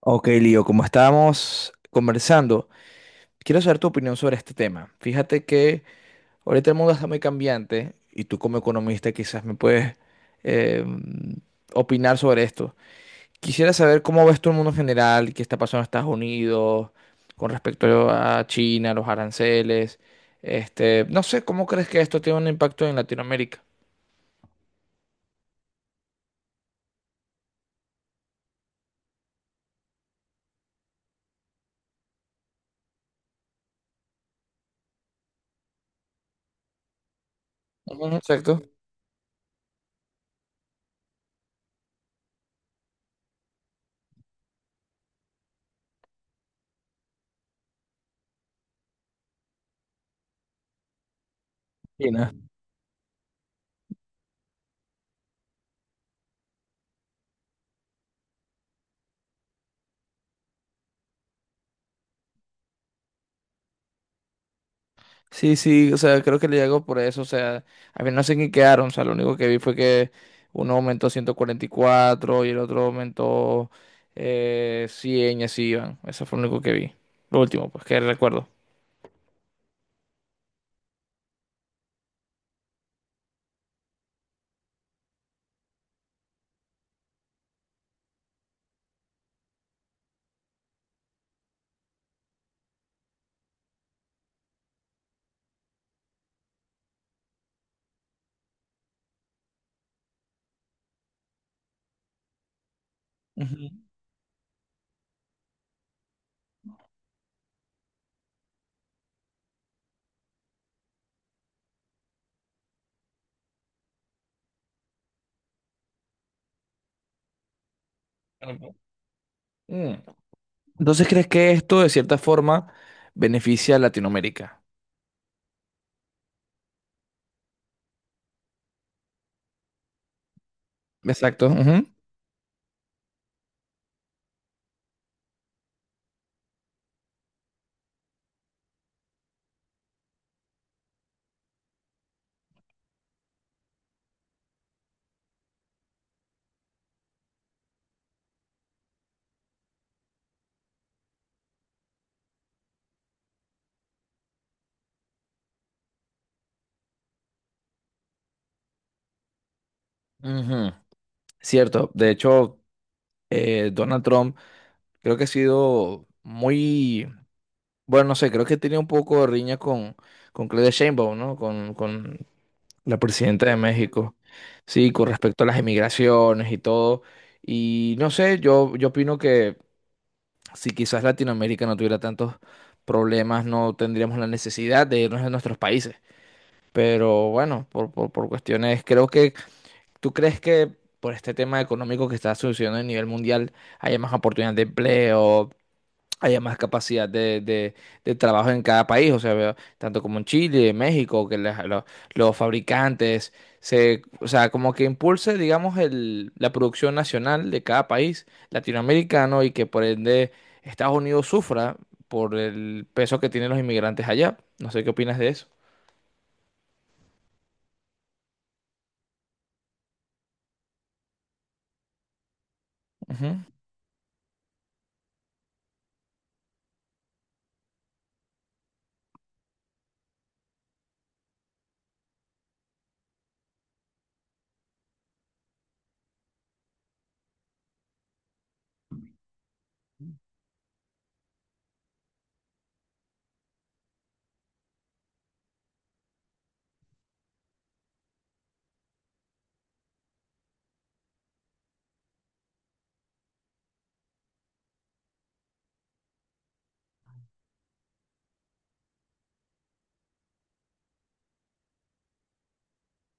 Ok, Lío, como estábamos conversando, quiero saber tu opinión sobre este tema. Fíjate que ahorita el mundo está muy cambiante y tú como economista quizás me puedes eh, opinar sobre esto. Quisiera saber cómo ves tú el mundo en general, qué está pasando en Estados Unidos con respecto a China, los aranceles. Este, no sé, ¿cómo crees que esto tiene un impacto en Latinoamérica? Ujú, exacto. China. Sí, sí, o sea, creo que le llegó por eso, o sea, a mí no sé en qué quedaron, o sea, lo único que vi fue que uno aumentó 144 y el otro aumentó 100 y así iban, eso fue lo único que vi, lo último, pues que recuerdo. Ujú. Mm. Entonces, ¿crees que esto de cierta forma beneficia a Latinoamérica? Exacto. Ujú. Ujú, cierto. De hecho, Donald Trump creo que ha sido muy. Bueno, no sé, creo que tenía un poco de riña con Claudia Sheinbaum, ¿no? Con la presidenta de México. Sí, con respecto a las emigraciones y todo. Y no sé, yo opino que si quizás Latinoamérica no tuviera tantos problemas, no tendríamos la necesidad de irnos a nuestros países. Pero bueno, por cuestiones, creo que tú crees que por este tema económico que está sucediendo a nivel mundial, haya más oportunidades de empleo, haya más capacidad de trabajo en cada país, o sea, veo tanto como en Chile, en México, que los fabricantes, se, o sea, como que impulse, digamos, la producción nacional de cada país latinoamericano y que por ende Estados Unidos sufra por el peso que tienen los inmigrantes allá. No sé qué opinas de eso. Ujú.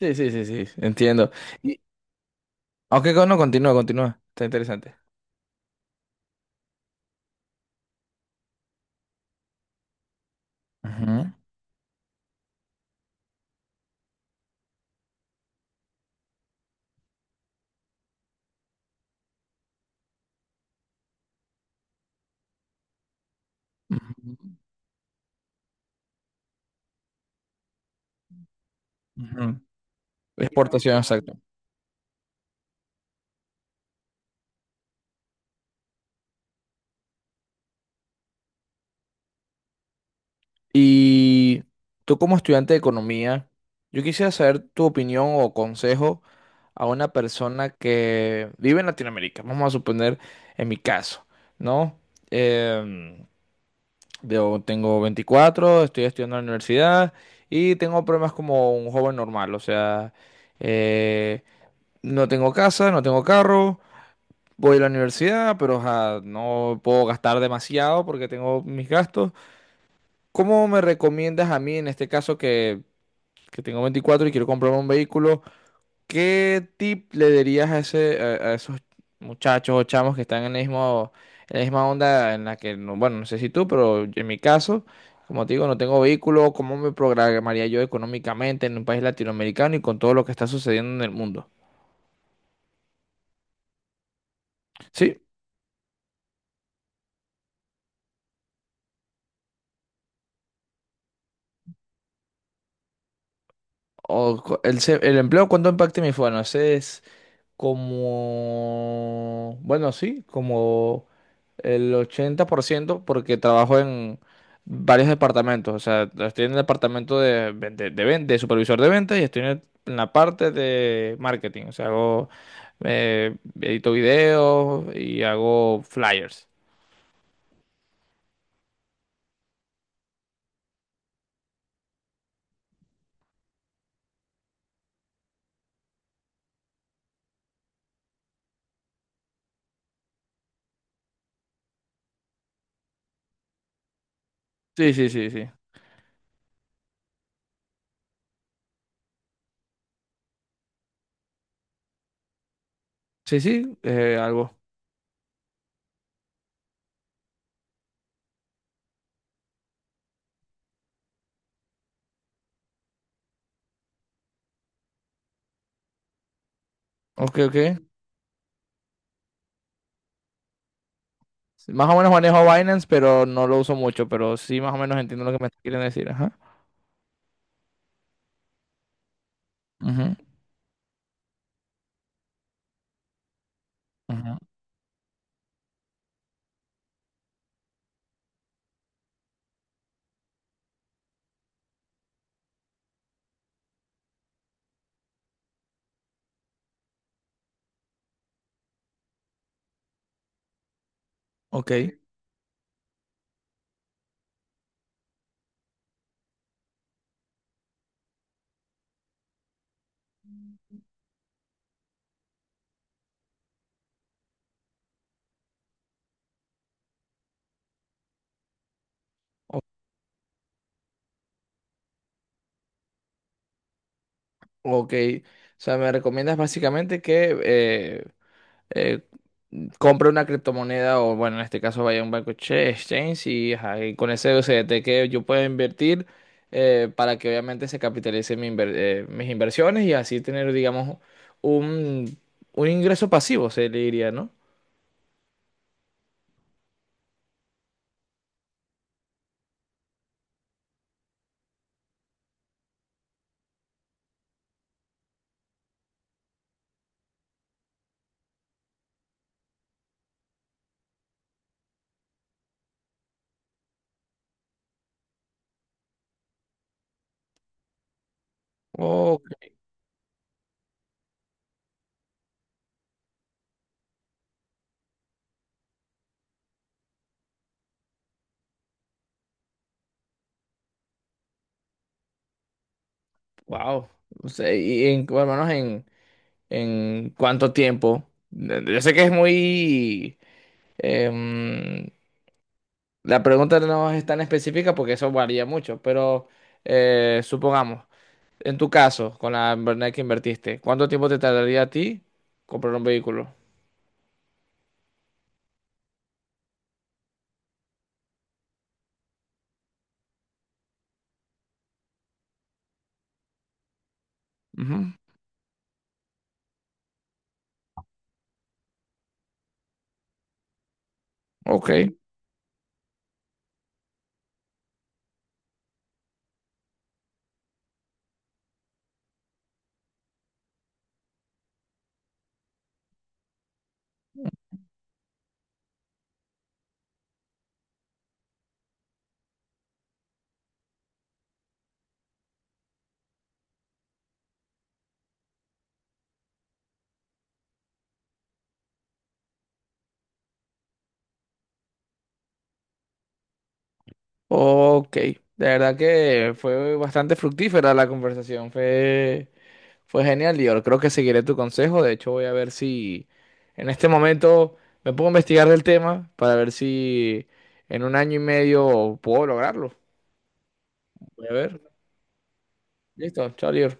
Sí, sí, sí, sí, entiendo. Y, Aunque no, continúa, continúa, está interesante. Ujú. Ujú. Ujú. Exportación, exacto. Y tú como estudiante de economía, yo quisiera saber tu opinión o consejo a una persona que vive en Latinoamérica. Vamos a suponer en mi caso, ¿no? Em, yo tengo 24, estoy estudiando en la universidad y tengo problemas como un joven normal. O sea, eh, no tengo casa, no tengo carro, voy a la universidad, pero ajá, no puedo gastar demasiado porque tengo mis gastos. ¿Cómo me recomiendas a mí en este caso que tengo 24 y quiero comprarme un vehículo, ¿qué tip le darías a ese, a esos muchachos o chamos que están en el mismo, en la misma onda en la que, bueno, no sé si tú, pero en mi caso, como te digo, no tengo vehículo, ¿cómo me programaría yo económicamente en un país latinoamericano y con todo lo que está sucediendo en el mundo? ¿Sí? O co- el, se- el empleo, ¿cuánto impacta en mi vida? Bueno, ese es como, bueno, sí, como el 80% porque trabajo en varios departamentos. O sea, estoy en el departamento de supervisor de ventas y estoy en la parte de marketing. O sea, eh, edito videos y hago flyers. Sí, sí, sí, sí. Sí, sí, algo. Ok, ok. Más o menos manejo Binance, pero no lo uso mucho. Pero sí, más o menos entiendo lo que me quieren decir. Ajá. Ujú, ujú. Ok. O- ok. O sea, me recomiendas básicamente que... eh, compra una criptomoneda o, bueno, en este caso vaya a un banco exchange y, ajá, y con ese USDT que yo pueda invertir, para que obviamente se capitalice mis inversiones y así tener, digamos, un, un ingreso pasivo, se le diría, ¿no? Oh, wow. O sea, y en, bueno, al menos en, cuánto tiempo. Yo sé que es em, la pregunta no es tan específica porque eso varía mucho, pero supongamos. En tu caso, con la verdad que invertiste, ¿cuánto tiempo te tardaría a ti comprar un vehículo? Ujú, ok, ok. De verdad que fue bastante fructífera la conversación, fue genial y yo creo que seguiré tu consejo. De hecho, voy a ver si en este momento me pongo a investigar del tema para ver si en un año y medio puedo lograrlo. Voy a ver. Listo, chao, Lior.